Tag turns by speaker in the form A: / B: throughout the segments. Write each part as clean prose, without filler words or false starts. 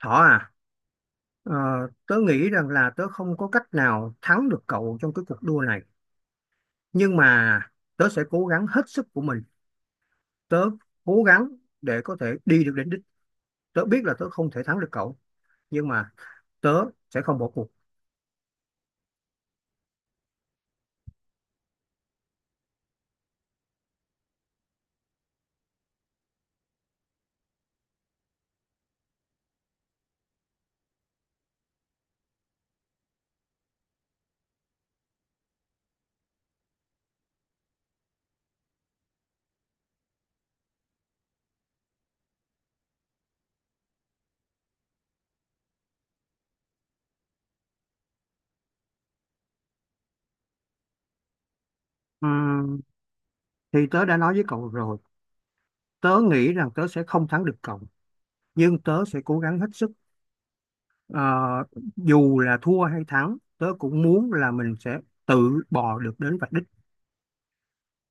A: Thỏ à, ờ, tớ nghĩ rằng là tớ không có cách nào thắng được cậu trong cái cuộc đua này. Nhưng mà tớ sẽ cố gắng hết sức của mình. Tớ cố gắng để có thể đi được đến đích. Tớ biết là tớ không thể thắng được cậu. Nhưng mà tớ sẽ không bỏ cuộc. Ừm, thì tớ đã nói với cậu rồi. Tớ nghĩ rằng tớ sẽ không thắng được cậu. Nhưng tớ sẽ cố gắng hết sức. Ờ, Dù là thua hay thắng, tớ cũng muốn là mình sẽ tự bò được đến vạch đích.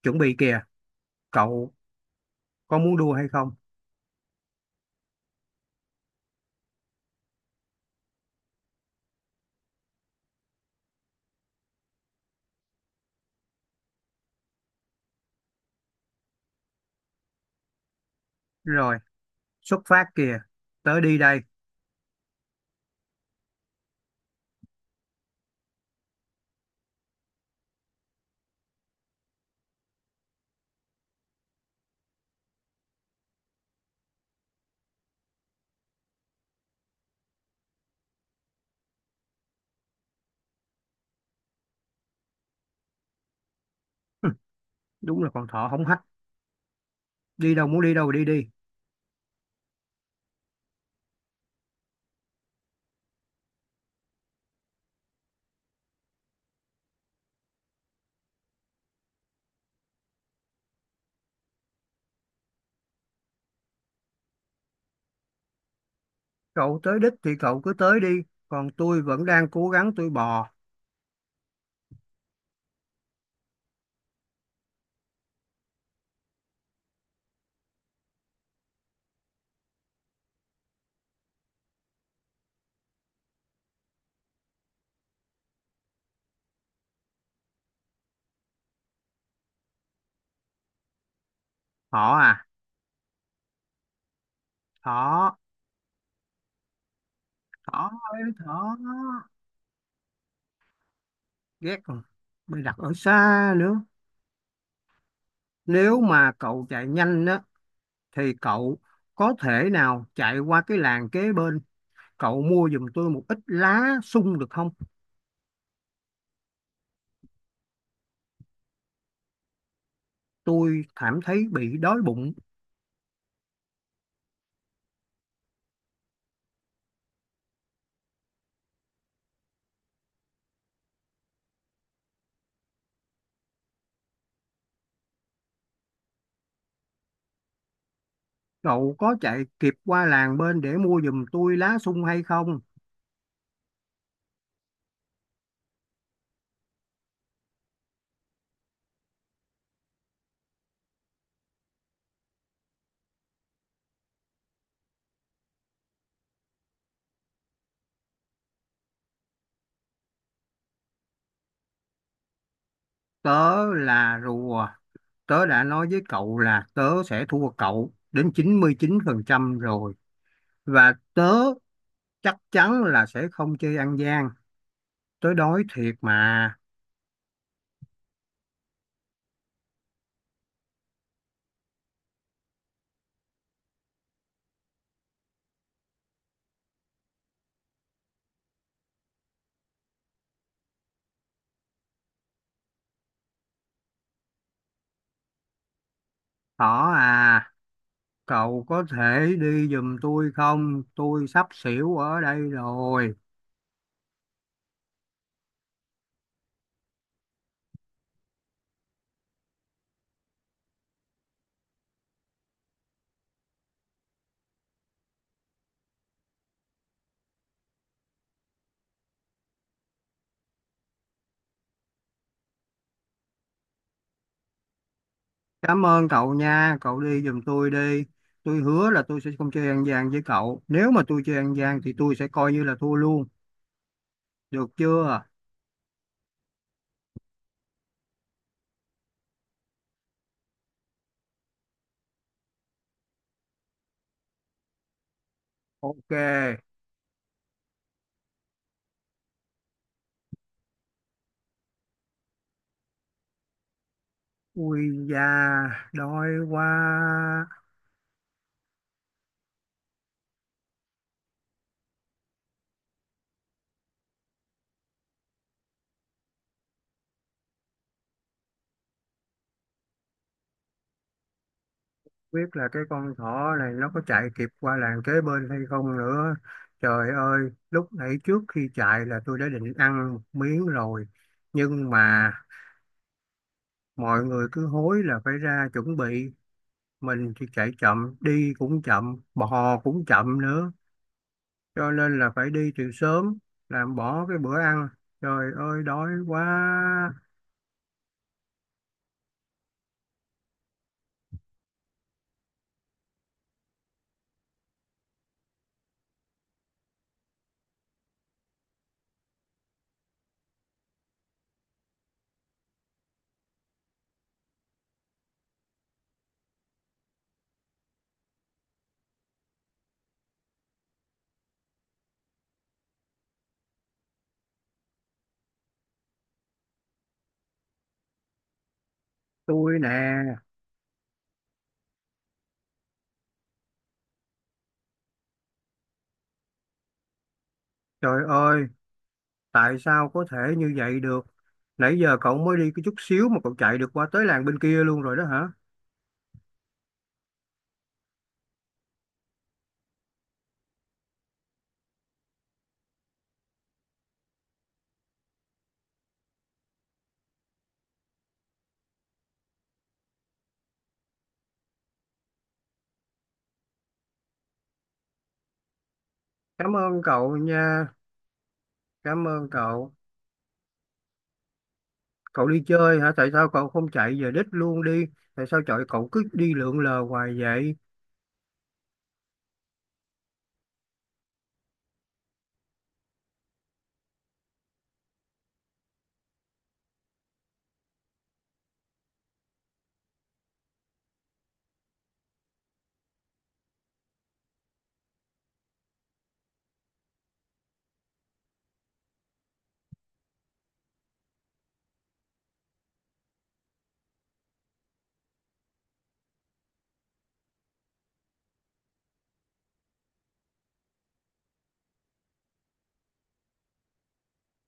A: Chuẩn bị kìa, cậu có muốn đua hay không? Rồi, xuất phát kìa, tới đi đây. Đúng là con thỏ hống hách, đi đâu muốn đi đâu đi đi. Cậu tới đích thì cậu cứ tới đi, còn tôi vẫn đang cố gắng tôi bò. Thỏ à, thỏ, thỏ ơi thỏ. Ghét rồi, mày đặt ở xa nữa. Nếu mà cậu chạy nhanh á thì cậu có thể nào chạy qua cái làng kế bên, cậu mua giùm tôi một ít lá sung được không? Tôi cảm thấy bị đói bụng. Cậu có chạy kịp qua làng bên để mua giùm tôi lá sung hay không? Tớ là rùa, tớ đã nói với cậu là tớ sẽ thua cậu đến chín chín mươi chín phần trăm rồi, và tớ chắc chắn là sẽ không chơi ăn gian. Tớ đói thiệt mà. Thỏ à, cậu có thể đi giùm tôi không? Tôi sắp xỉu ở đây rồi. Cảm ơn cậu nha, cậu đi giùm tôi đi. Tôi hứa là tôi sẽ không chơi ăn gian với cậu, nếu mà tôi chơi ăn gian thì tôi sẽ coi như là thua luôn, được chưa? Ok. Ui da, đói quá. Biết là cái con thỏ này nó có chạy kịp qua làng kế bên hay không nữa. Trời ơi, lúc nãy trước khi chạy là tôi đã định ăn một miếng rồi. Nhưng mà mọi người cứ hối là phải ra chuẩn bị. Mình thì chạy chậm, đi cũng chậm, bò cũng chậm nữa. Cho nên là phải đi từ sớm, làm bỏ cái bữa ăn. Trời ơi, đói quá. Tôi nè, trời ơi. Tại sao có thể như vậy được? Nãy giờ cậu mới đi cái chút xíu mà cậu chạy được qua tới làng bên kia luôn rồi đó hả? Cảm ơn cậu nha, cảm ơn cậu. Cậu đi chơi hả? Tại sao cậu không chạy về đích luôn đi? Tại sao trời cậu cứ đi lượn lờ hoài vậy?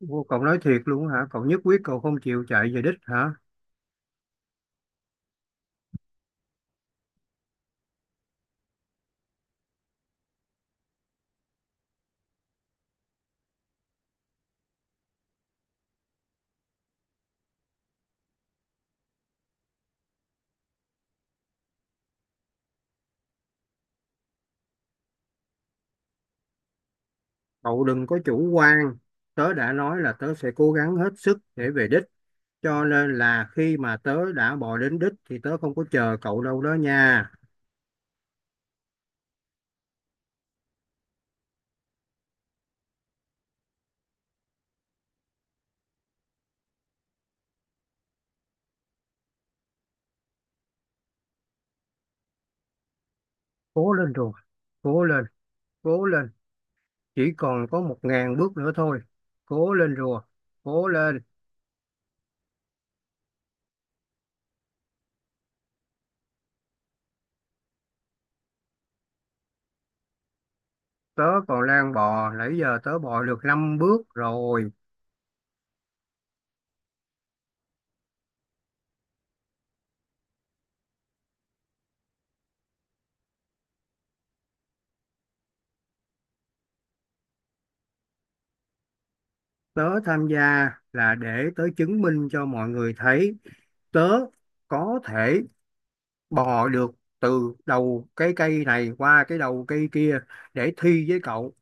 A: Ô, cậu nói thiệt luôn hả? Cậu nhất quyết cậu không chịu chạy về đích hả? Cậu đừng có chủ quan. Tớ đã nói là tớ sẽ cố gắng hết sức để về đích. Cho nên là khi mà tớ đã bò đến đích thì tớ không có chờ cậu đâu đó nha. Cố lên rồi, cố lên, cố lên, chỉ còn có 1.000 bước nữa thôi. Cố lên rùa, cố lên. Tớ còn đang bò, nãy giờ tớ bò được 5 bước rồi. Tớ tham gia là để tớ chứng minh cho mọi người thấy tớ có thể bò được từ đầu cái cây này qua cái đầu cây kia, để thi với cậu.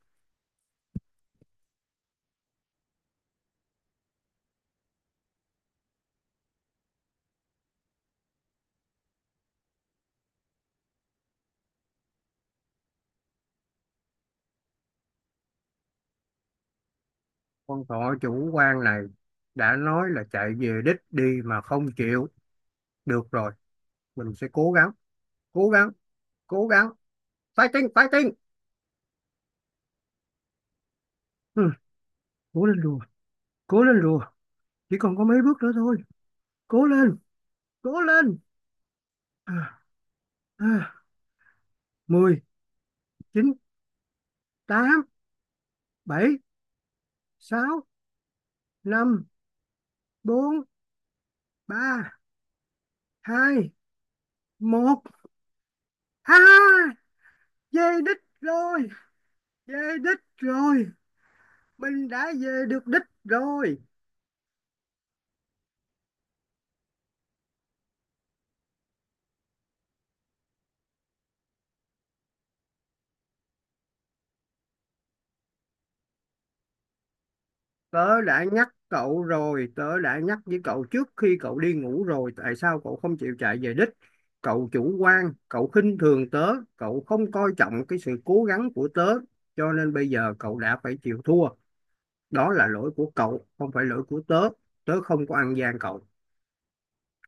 A: Con thỏ chủ quan này, đã nói là chạy về đích đi mà không chịu. Được rồi, mình sẽ cố gắng, cố gắng, cố gắng. Fighting, fighting. Ừ, cố lên rùa, cố lên rùa, chỉ còn có mấy bước nữa thôi. Cố lên, cố lên. à, à, 10, chín, tám, bảy, sáu, năm, bốn, ba, hai, một. À, về đích rồi, về đích rồi, mình đã về được đích rồi. Tớ đã nhắc cậu rồi, tớ đã nhắc với cậu trước khi cậu đi ngủ rồi, tại sao cậu không chịu chạy về đích? Cậu chủ quan, cậu khinh thường tớ, cậu không coi trọng cái sự cố gắng của tớ, cho nên bây giờ cậu đã phải chịu thua. Đó là lỗi của cậu, không phải lỗi của tớ. Tớ không có ăn gian cậu.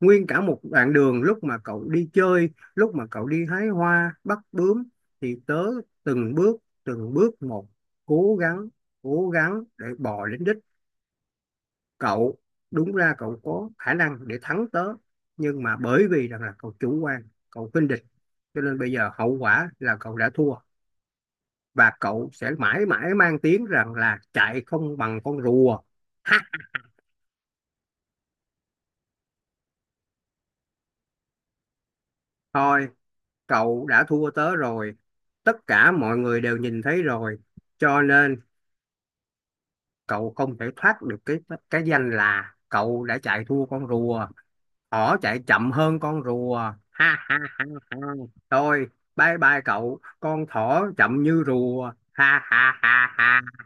A: Nguyên cả một đoạn đường lúc mà cậu đi chơi, lúc mà cậu đi hái hoa, bắt bướm, thì tớ từng bước một, cố gắng, cố gắng để bò đến đích. Cậu, đúng ra cậu có khả năng để thắng tớ, nhưng mà bởi vì rằng là cậu chủ quan, cậu khinh địch, cho nên bây giờ hậu quả là cậu đã thua, và cậu sẽ mãi mãi mang tiếng rằng là chạy không bằng con rùa. Thôi, cậu đã thua tớ rồi, tất cả mọi người đều nhìn thấy rồi, cho nên cậu không thể thoát được cái danh là cậu đã chạy thua con rùa. Thỏ chạy chậm hơn con rùa. Ha ha ha ha. Thôi, bye bye cậu. Con thỏ chậm như rùa. Ha ha ha ha.